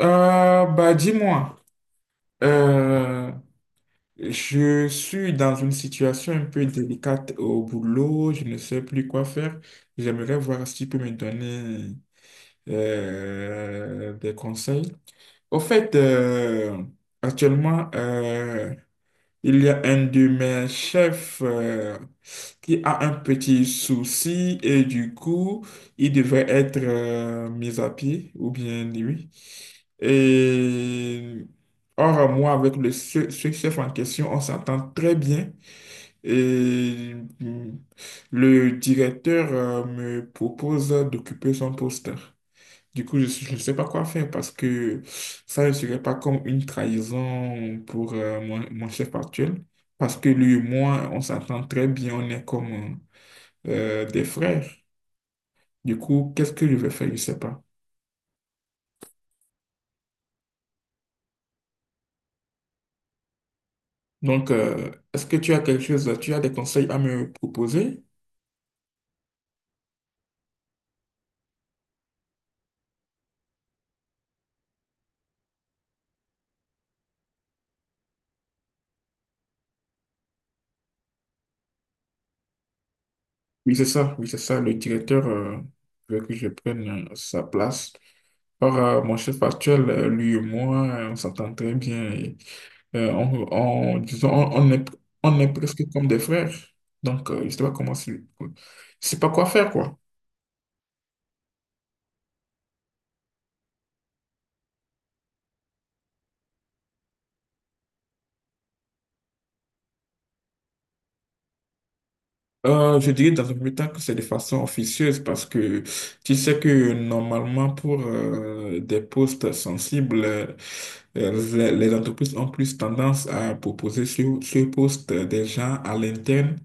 Bah, dis-moi, euh, je suis dans une situation un peu délicate au boulot, je ne sais plus quoi faire. J'aimerais voir si tu peux me donner des conseils. Au fait, actuellement, il y a un de mes chefs qui a un petit souci et du coup, il devrait être mis à pied ou bien lui. Et or, moi, avec ce chef en question, on s'entend très bien. Et mm, le directeur me propose d'occuper son poste. Du coup, je ne sais pas quoi faire parce que ça ne serait pas comme une trahison pour mon chef actuel. Parce que lui et moi, on s'entend très bien, on est comme des frères. Du coup, qu'est-ce que je vais faire? Je ne sais pas. Donc, est-ce que tu as quelque chose, tu as des conseils à me proposer? Oui, c'est ça, oui, c'est ça. Le directeur veut que je prenne sa place. Or, mon chef actuel, lui et moi, on s'entend très bien. Et disons, on est presque comme des frères. Donc, je ne sais pas comment, je sais pas quoi faire, quoi. Je dirais dans un premier temps que c'est de façon officieuse parce que tu sais que normalement pour des postes sensibles, les entreprises ont plus tendance à proposer sur ce poste des gens à l'interne.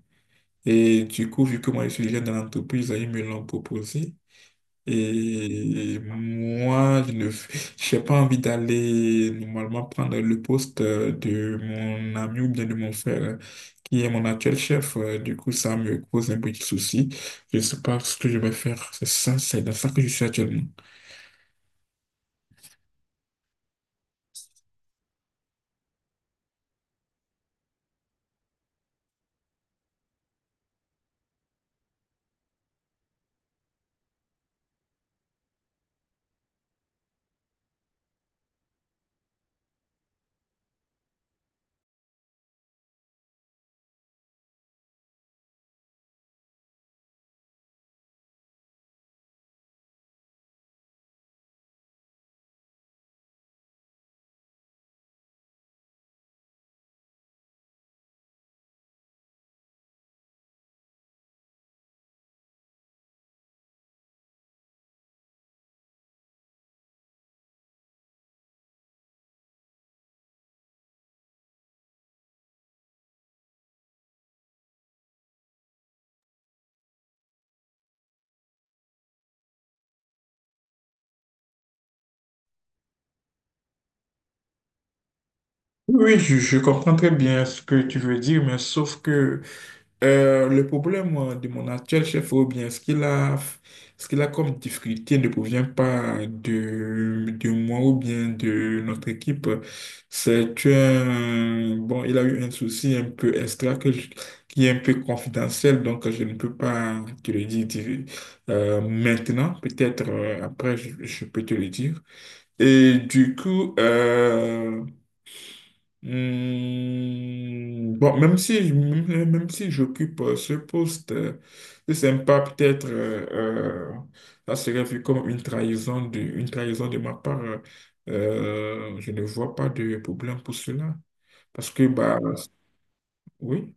Et du coup, vu que moi je suis déjà dans l'entreprise, ils me l'ont proposé. Et moi, je ne, j'ai pas envie d'aller normalement prendre le poste de mon ami ou bien de mon frère, qui est mon actuel chef. Du coup, ça me cause un petit souci. Je ne sais pas ce que je vais faire. C'est ça, c'est dans ça que je suis actuellement. Oui, je comprends très bien ce que tu veux dire, mais sauf que le problème de mon actuel chef, ou bien ce qu'il a comme difficulté ne provient pas de moi ou bien de notre équipe. C'est un, bon, il a eu un souci un peu extra qui est un peu confidentiel, donc je ne peux pas te le dire, maintenant. Peut-être après, je peux te le dire. Et du coup, bon, même si j'occupe ce poste, c'est sympa, peut-être, ça serait vu comme une trahison de ma part. Je ne vois pas de problème pour cela. Parce que, bah, oui,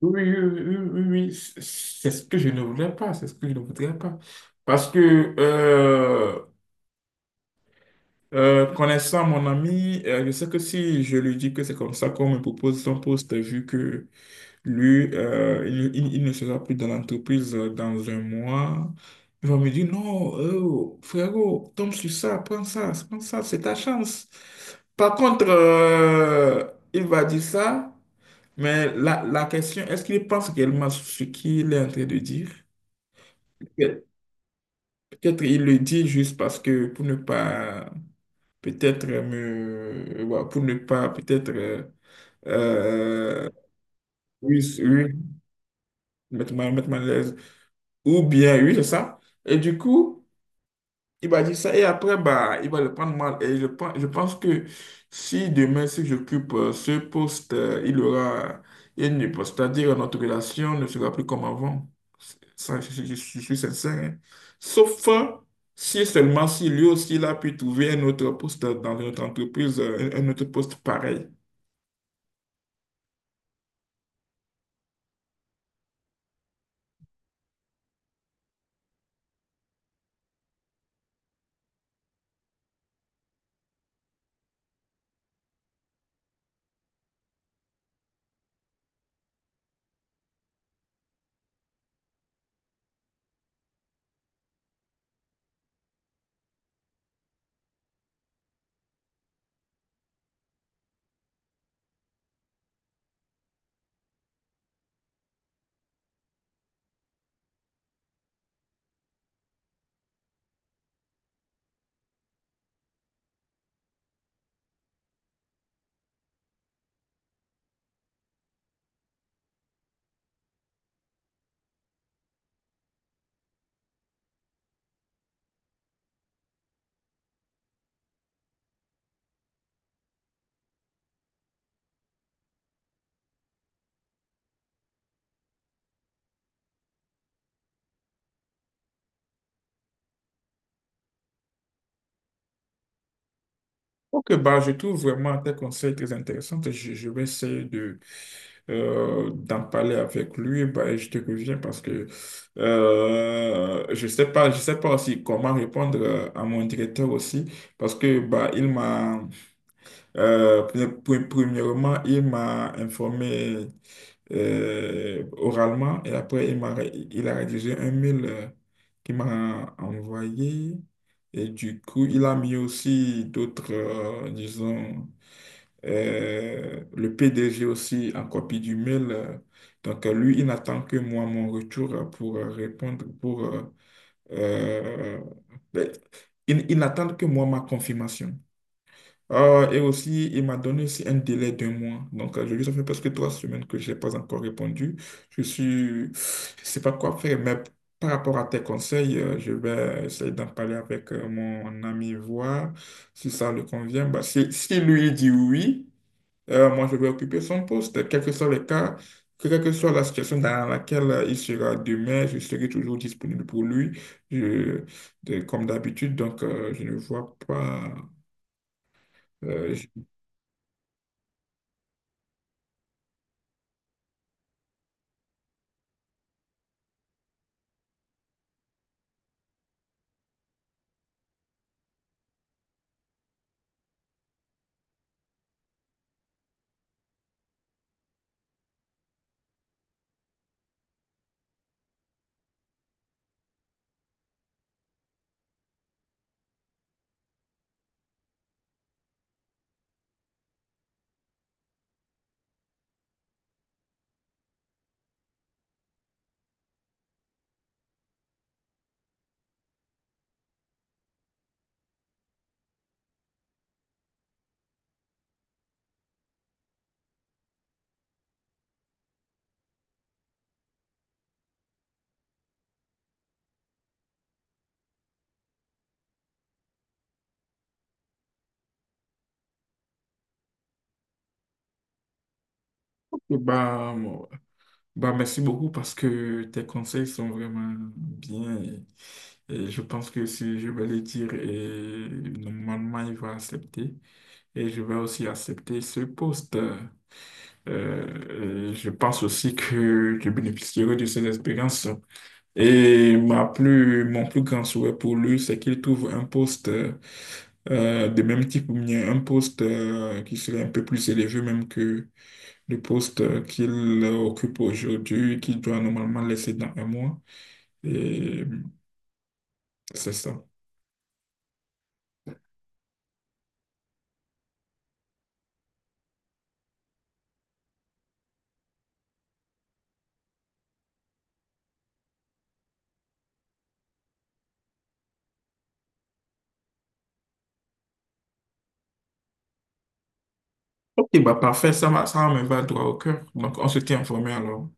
oui, oui, oui, oui, oui, c'est ce que je ne voudrais pas, c'est ce que je ne voudrais pas. Parce que, connaissant mon ami, je sais que si je lui dis que c'est comme ça qu'on me propose son poste, vu que lui, il ne sera plus dans l'entreprise dans un mois. Il va me dire, non, frérot, tombe sur ça, prends ça, prends ça, c'est ta chance. Par contre, il va dire ça, mais la question, est-ce qu'il pense réellement ce qu'il est en train de dire? Pe- Peut-être il le dit juste parce que pour ne pas, peut-être me, ouais, pour ne pas, peut-être, euh, oui, oui, mettre mal à l'aise. Ou bien, oui, c'est ça. Et du coup, il m'a dit ça. Et après, bah, il va le prendre mal. Et je pense que si demain, si j'occupe ce poste, il aura une poste. C'est-à-dire, notre relation ne sera plus comme avant. Ça, je suis sincère, hein. Sauf si et seulement si lui aussi, il a pu trouver un autre poste dans notre entreprise, un autre poste pareil. Ok, bah, je trouve vraiment tes conseils très intéressants. Je vais essayer de, d'en parler avec lui. Bah, et je te reviens parce que je sais pas aussi comment répondre à mon directeur aussi. Parce que bah, il m'a, pre- pre- premièrement, il m'a informé oralement et après il a rédigé un mail qu'il m'a envoyé et du coup il a mis aussi d'autres, disons, le PDG aussi en copie du mail. Donc lui, il n'attend que moi mon retour pour répondre, euh, ben, il il n'attend que moi ma confirmation. Ah, et aussi, il m'a donné aussi un délai d'un mois. Donc, ça fait presque 3 semaines que je n'ai pas encore répondu. Je suis, je sais pas quoi faire, mais par rapport à tes conseils, je vais essayer d'en parler avec mon ami, voir si ça lui convient. Bah, si, si lui dit oui, moi, je vais occuper son poste. Quel que soit le cas, quelle que soit la situation dans laquelle il sera demain, je serai toujours disponible pour lui, Je- comme d'habitude. Donc, je ne vois pas. euh, Bah, moi- Bah, merci beaucoup parce que tes conseils sont vraiment bien et je pense que si je vais les dire, et normalement il va accepter et je vais aussi accepter ce poste. Et je pense aussi que je bénéficierai de ces expériences. Et mon plus grand souhait pour lui, c'est qu'il trouve un poste de même type ou bien un poste qui serait un peu plus élevé même que le poste qu'il occupe aujourd'hui, qu'il doit normalement laisser dans un mois. Et c'est ça. Ok, bah parfait, ça va, ça me va droit au cœur. Donc, on se tient informé alors.